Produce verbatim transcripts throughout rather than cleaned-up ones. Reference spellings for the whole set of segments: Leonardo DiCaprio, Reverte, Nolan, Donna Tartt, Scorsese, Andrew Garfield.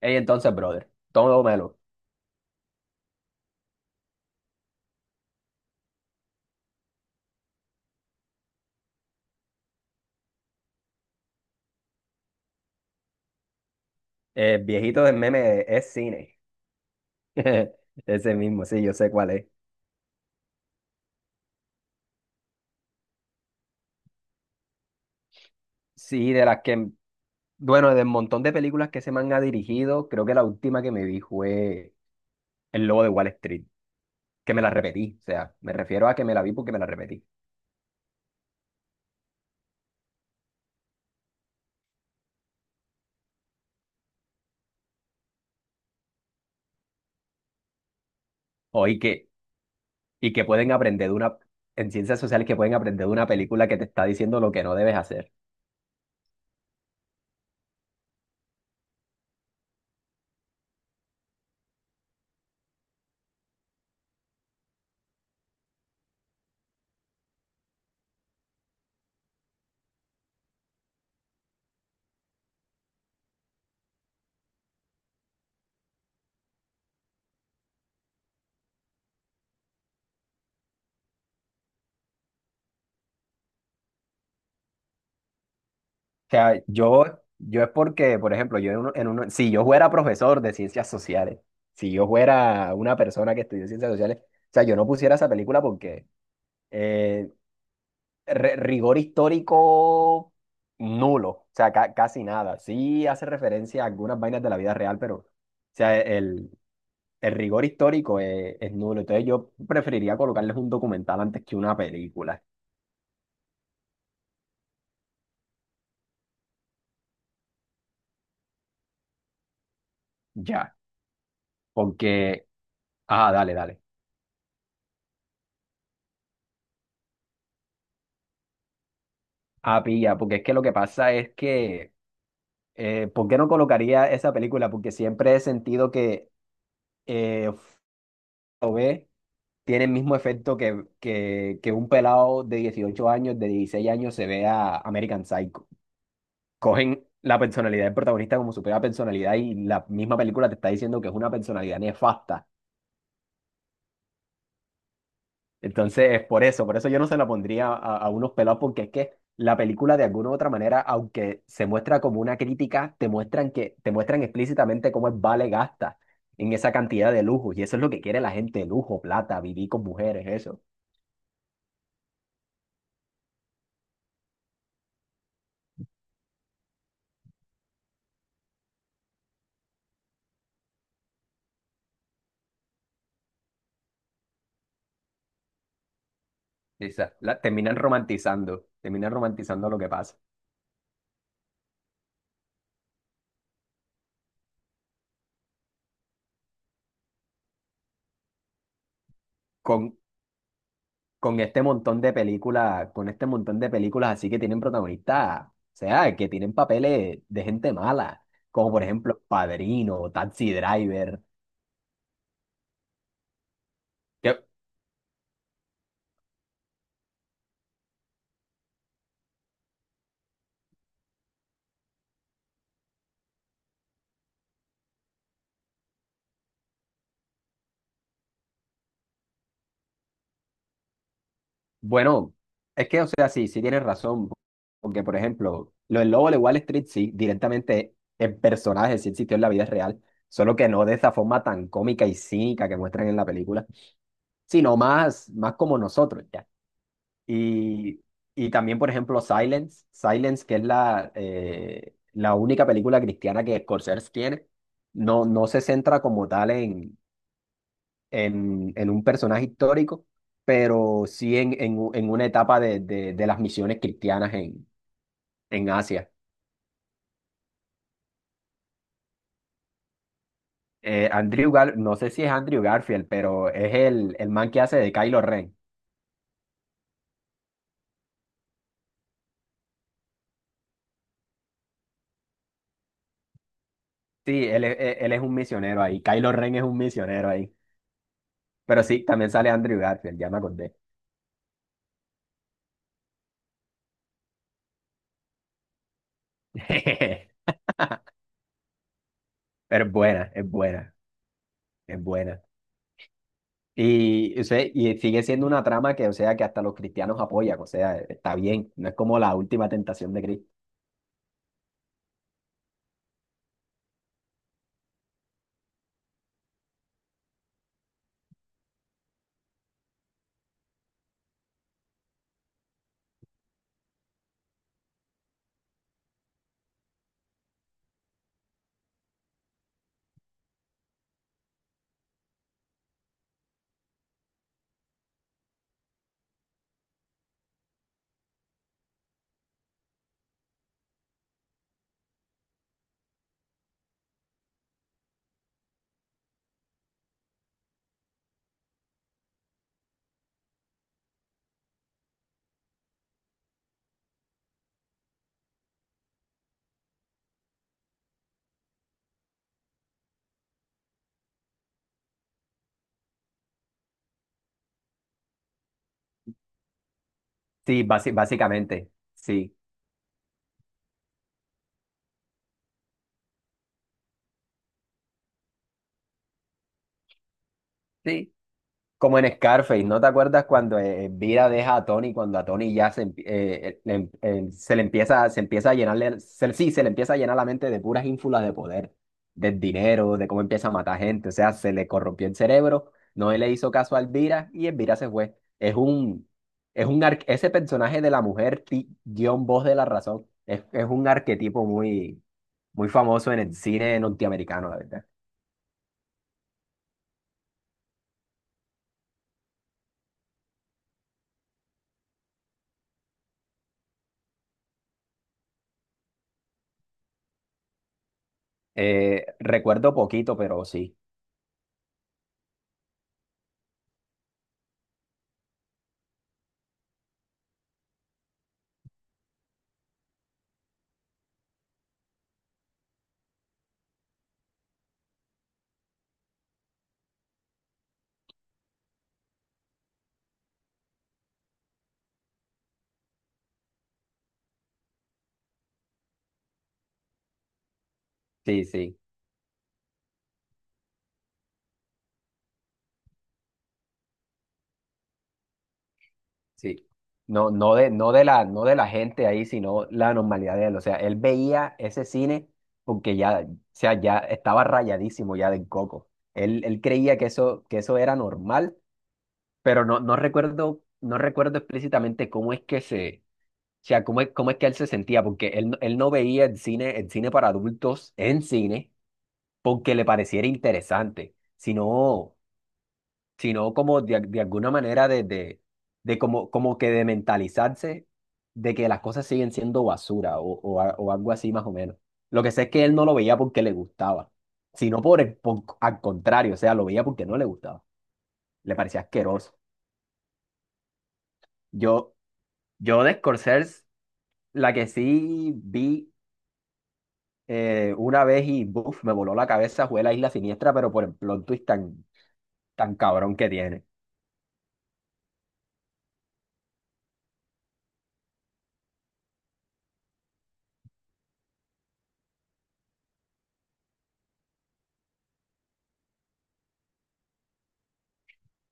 Ey, entonces, brother, todo melo, el viejito del meme es cine. Ese mismo, sí, yo sé cuál es. Sí, de las que, bueno, del montón de películas que se man ha dirigido, creo que la última que me vi fue El Lobo de Wall Street, que me la repetí. O sea, me refiero a que me la vi porque me la repetí. O y que, y que pueden aprender de una, en ciencias sociales que pueden aprender de una película que te está diciendo lo que no debes hacer. Sea, yo, yo es porque, por ejemplo, yo en uno, en uno- si yo fuera profesor de ciencias sociales, si yo fuera una persona que estudió ciencias sociales, o sea, yo no pusiera esa película porque eh, re- rigor histórico nulo, o sea, ca- casi nada. Sí hace referencia a algunas vainas de la vida real, pero, o sea, el, el rigor histórico es, es nulo. Entonces yo preferiría colocarles un documental antes que una película, ya, porque, ah, dale, dale. Ah, pilla, porque es que lo que pasa es que Eh, ¿por qué no colocaría esa película? Porque siempre he sentido que eh, ve tiene el mismo efecto que, que, que un pelado de dieciocho años, de dieciséis años, se ve a American Psycho. Cogen la personalidad del protagonista como su propia personalidad y la misma película te está diciendo que es una personalidad nefasta. Entonces, por eso, por eso yo no se la pondría a, a unos pelados, porque es que la película de alguna u otra manera, aunque se muestra como una crítica, te muestran que, te muestran explícitamente cómo es vale gasta en esa cantidad de lujos. Y eso es lo que quiere la gente, lujo, plata, vivir con mujeres, eso. Esa- la, terminan romantizando, terminan romantizando lo que pasa. Con, con este montón de películas, con este montón de películas así que tienen protagonistas, o sea, que tienen papeles de gente mala, como por ejemplo Padrino, Taxi Driver. Que Bueno, es que, o sea, sí, sí tienes razón, porque, por ejemplo, lo del Lobo de Wall Street, sí, directamente el personaje sí existió en la vida real, solo que no de esa forma tan cómica y cínica que muestran en la película, sino más, más como nosotros, ya. Y, y también, por ejemplo, Silence, Silence, que es la, eh, la única película cristiana que Scorsese tiene, no, no se centra como tal en en, en un personaje histórico, pero sí en, en, u- en una etapa de, de, de las misiones cristianas en, en Asia. Eh, Andrew Gar, no sé si es Andrew Garfield, pero es el, el man que hace de Kylo Ren. Sí, él, es- él él es un misionero ahí. Kylo Ren es un misionero ahí. Pero sí, también sale Andrew Garfield, ya me acordé. Pero es buena, es buena, es buena. Y, o sea, y sigue siendo una trama que, o sea, que hasta los cristianos apoyan, o sea, está bien, no es como La Última Tentación de Cristo. Sí, basi- básicamente, sí. Sí. Como en Scarface, ¿no te acuerdas cuando eh, Elvira deja a Tony, cuando a Tony ya se, empi- eh, eh, le em- eh, se le empieza, se empieza a llenarle, se- sí, se le empieza a llenar la mente de puras ínfulas de poder, del dinero, de cómo empieza a matar gente, o sea, se le corrompió el cerebro, no le hizo caso a Elvira y Elvira se fue. Es un, es un, ar- ese personaje de la mujer, ti- guión voz de la razón, es, es un arquetipo muy, muy famoso en el cine norteamericano, la verdad. Eh, recuerdo poquito, pero sí, sí, sí, sí. No, no de, no de la, no de la gente ahí, sino la normalidad de él. O sea, él veía ese cine porque ya, o sea, ya estaba rayadísimo ya del coco. Él, él creía que eso, que eso era normal, pero no, no recuerdo, no recuerdo explícitamente cómo es que se, o sea, cómo es, cómo es que él se sentía, porque él, no- él no veía el cine, el cine, para adultos en cine porque le pareciera interesante, sino sino como de, de alguna manera de, de, de como, como que de mentalizarse de que las cosas siguen siendo basura o, o, a- o algo así más o menos. Lo que sé es que él no lo veía porque le gustaba, sino por, el- por- al contrario, o sea, lo veía porque no le gustaba, le parecía asqueroso. Yo, yo de Scorsese, la que sí vi eh, una vez y buf, me voló la cabeza fue La Isla Siniestra, pero por el plot twist tan, tan cabrón que tiene.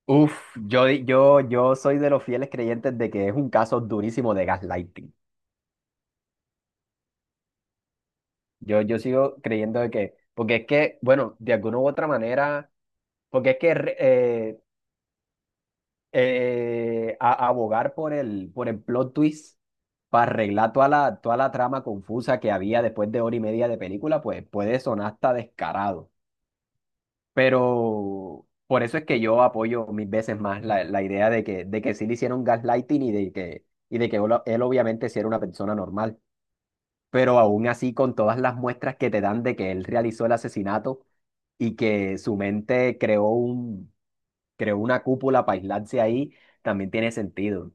Uf, yo, yo, yo soy de los fieles creyentes de que es un caso durísimo de gaslighting. Yo, yo sigo creyendo de que, porque es que, bueno, de alguna u otra manera, porque es que re- eh, eh, a- abogar por el, por el plot twist para arreglar toda la, toda la trama confusa que había después de hora y media de película, pues puede sonar hasta descarado. Pero por eso es que yo apoyo mil veces más la, la idea de que, de que sí le hicieron gaslighting y de que, y de que él, él obviamente sí era una persona normal. Pero aún así, con todas las muestras que te dan de que él realizó el asesinato y que su mente creó un, creó una cúpula para aislarse ahí, también tiene sentido.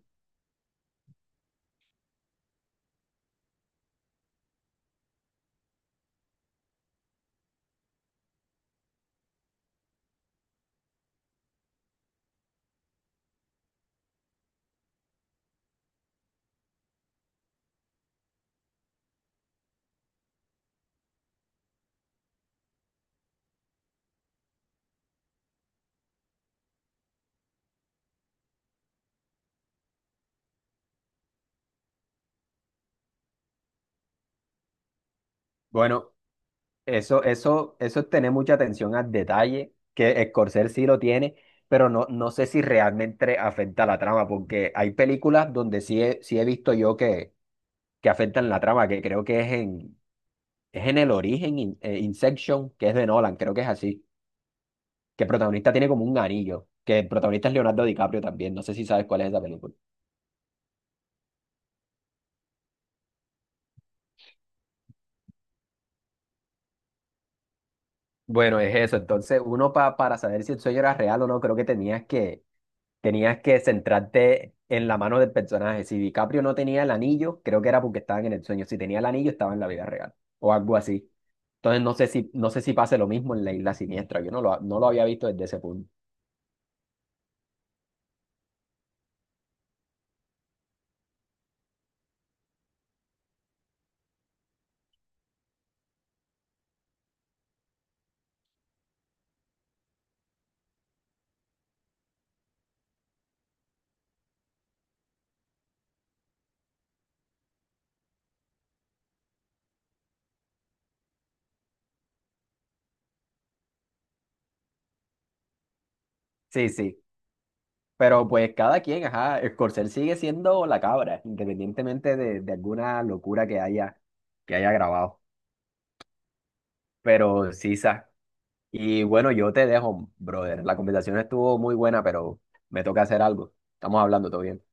Bueno, Eso, eso, eso es tener mucha atención al detalle, que Scorsese sí lo tiene, pero no, no sé si realmente afecta a la trama, porque hay películas donde sí he, sí he visto yo que, que afectan la trama, que creo que es en, es en El Origen, in- eh, Inception, que es de Nolan, creo que es así, que el protagonista tiene como un anillo, que el protagonista es Leonardo DiCaprio también, no sé si sabes cuál es esa película. Bueno, es eso, entonces uno pa- para saber si el sueño era real o no, creo que tenías que tenías que centrarte en la mano del personaje. Si DiCaprio no tenía el anillo, creo que era porque estaban en el sueño. Si tenía el anillo, estaba en la vida real o algo así. Entonces no sé si, no sé si pase lo mismo en La Isla Siniestra. Yo no lo, no lo había visto desde ese punto. Sí, sí. Pero pues cada quien, ajá, Scorsese sigue siendo la cabra, independientemente de, de alguna locura que haya, que haya grabado. Pero sí, Sa. Y bueno, yo te dejo, brother. La conversación estuvo muy buena, pero me toca hacer algo. Estamos hablando, todo bien.